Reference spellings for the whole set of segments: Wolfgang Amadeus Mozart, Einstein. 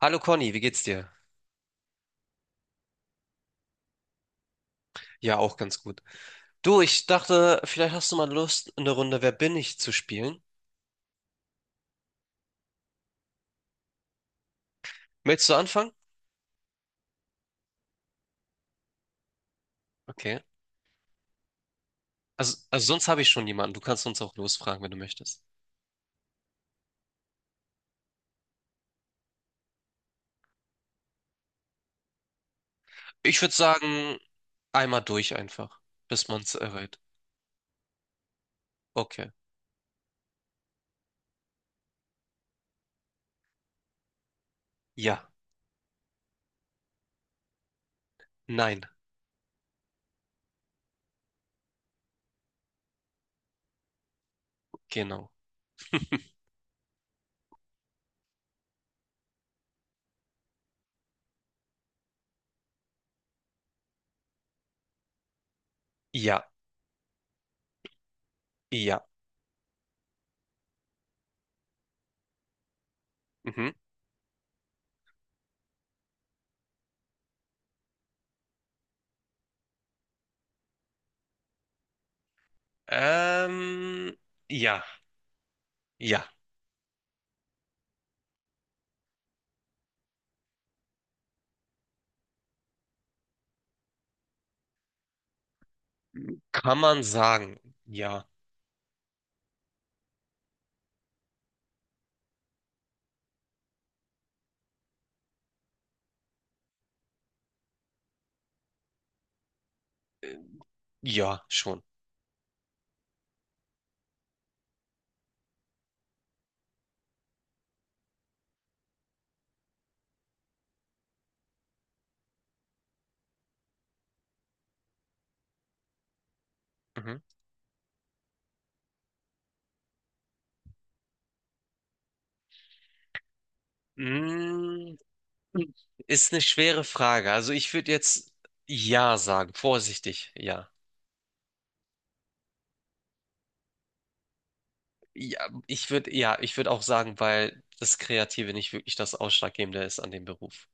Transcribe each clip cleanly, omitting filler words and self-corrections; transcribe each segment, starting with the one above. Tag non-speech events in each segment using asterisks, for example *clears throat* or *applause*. Hallo Conny, wie geht's dir? Ja, auch ganz gut. Du, ich dachte, vielleicht hast du mal Lust, eine Runde Wer bin ich zu spielen. Möchtest du anfangen? Okay. Also sonst habe ich schon jemanden. Du kannst uns auch losfragen, wenn du möchtest. Ich würde sagen, einmal durch einfach, bis man es errät. Okay. Ja. Nein. Genau. Ja. Ja. Mhm. Ähm, ja. Ja. Kann man sagen. Ja. Ja, schon. Mhm. Mm, ist eine schwere Frage. Also ich würde jetzt ja sagen, vorsichtig, ja. Ja, ich würde auch sagen, weil das Kreative nicht wirklich das Ausschlaggebende ist an dem Beruf.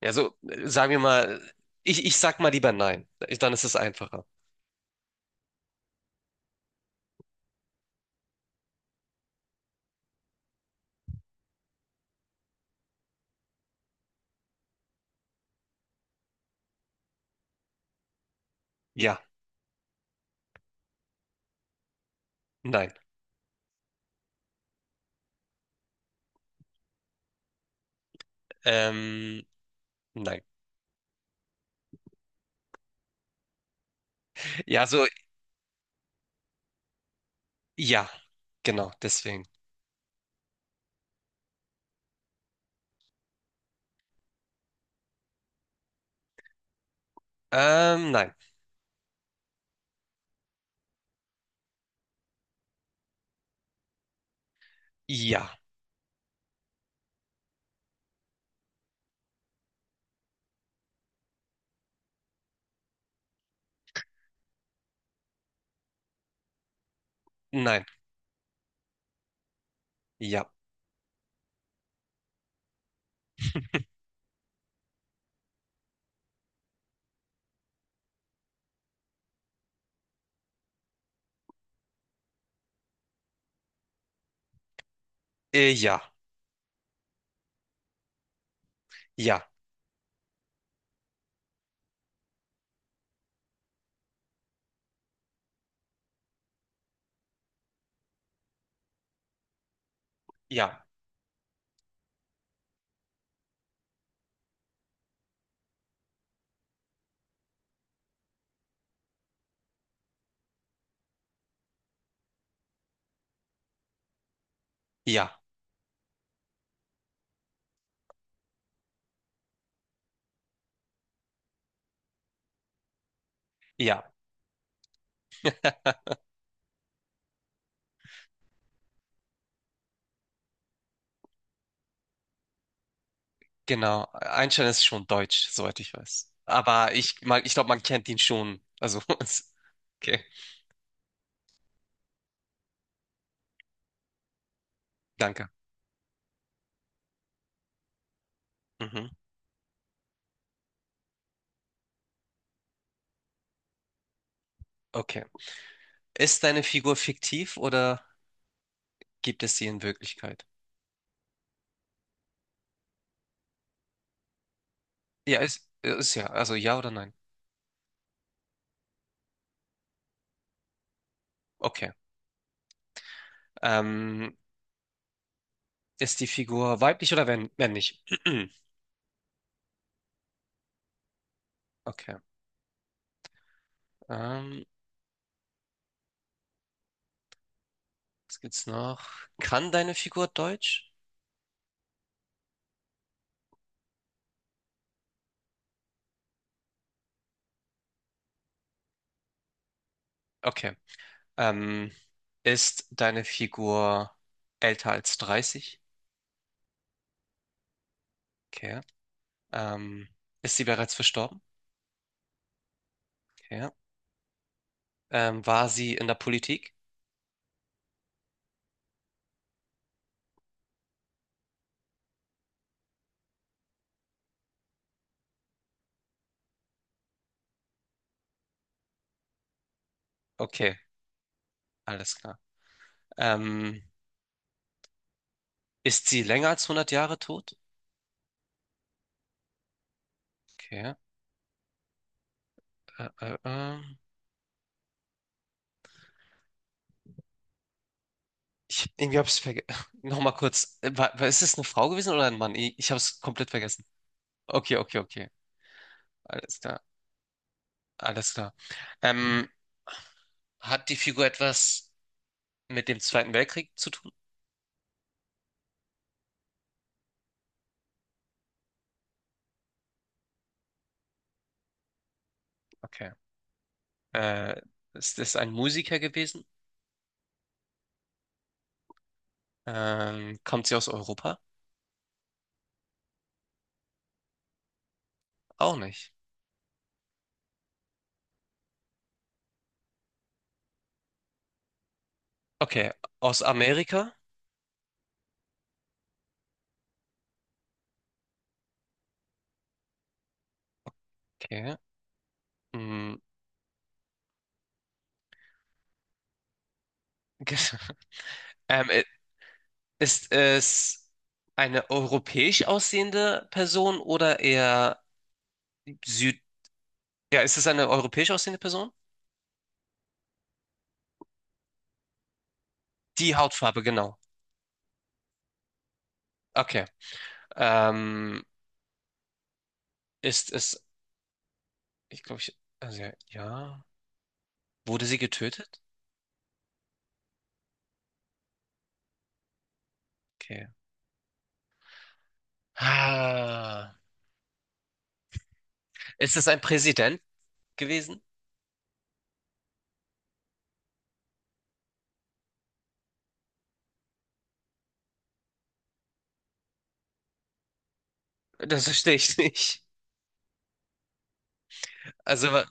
Also sagen wir mal, ich sag mal lieber nein. Dann ist es einfacher. Ja, nein. Ähm, nein. Ja, so, ja, genau, deswegen. Nein. Ja, nein, ja, ja, ja, ja, ja, ja. *laughs* Genau, Einstein ist schon deutsch, soweit ich weiß. Aber ich glaube, man kennt ihn schon. Also, *laughs* okay, danke. Mhm. Okay. Ist deine Figur fiktiv oder gibt es sie in Wirklichkeit? Ja, ist ja. Also ja oder nein? Okay. Ähm, ist die Figur weiblich oder wenn, männlich? *clears throat* Okay. Ähm, was gibt's noch? Kann deine Figur Deutsch? Okay. Ähm, ist deine Figur älter als 30? Okay. Ähm, ist sie bereits verstorben? Okay. War sie in der Politik? Okay, alles klar. Ähm, ist sie länger als hundert Jahre tot? Okay. Äh, äh, äh. Ich, irgendwie hab's vergessen. *laughs* Nochmal kurz. Ist es eine Frau gewesen oder ein Mann? Ich hab's komplett vergessen. Okay, okay, okay. Alles klar. Alles klar. Ähm, hat die Figur etwas mit dem Zweiten Weltkrieg zu tun? Okay. Äh, ist es ein Musiker gewesen? Kommt sie aus Europa? Auch nicht. Okay, aus Amerika. Okay. Mm, *laughs* ähm, ist es eine europäisch aussehende Person oder eher Süd... Ja, ist es eine europäisch aussehende Person? Die Hautfarbe, genau. Okay. Ähm, ist es, ich glaube, ich, also ja, ja. Wurde sie getötet? Okay. Ah. Ist es ein Präsident gewesen? Das verstehe ich nicht. Also, wa-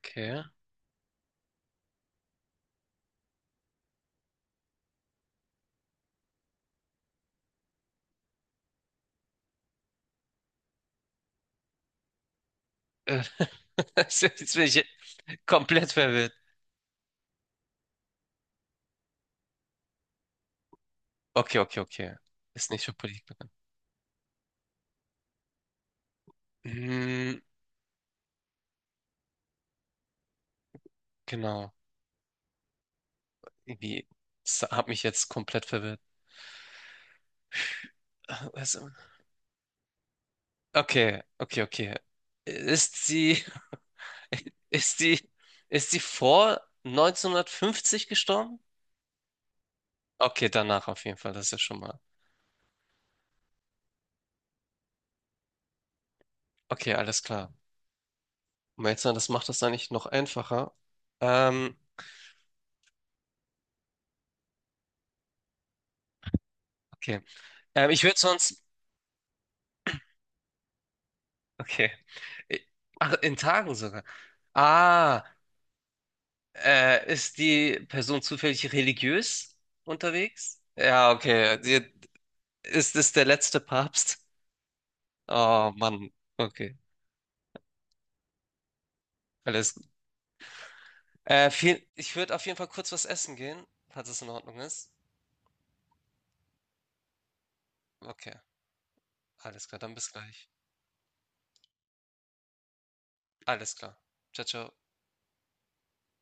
okay. Äh, *laughs* Jetzt bin ich komplett verwirrt. Okay, okay, okay. Ist nicht für Politik bekannt. Hm, genau. Irgendwie, das hat mich jetzt komplett verwirrt. Ah, was- Okay, okay, okay. Ist sie, *laughs* ist sie, ist sie vor 1950 gestorben? Okay, danach auf jeden Fall, das ist ja schon mal. Okay, alles klar. Melzer, das macht das eigentlich noch einfacher. Ähm, okay. Ich würde sonst. Okay. Äh, Ach, in Tagen sogar. Ah. Ist die Person zufällig religiös unterwegs? Ja, okay. Die, ist es der letzte Papst? Oh Mann, okay. Alles gut. Ich würde auf jeden Fall kurz was essen gehen, falls es in Ordnung ist. Okay, alles klar, dann bis gleich. Alles klar. Ciao, ciao.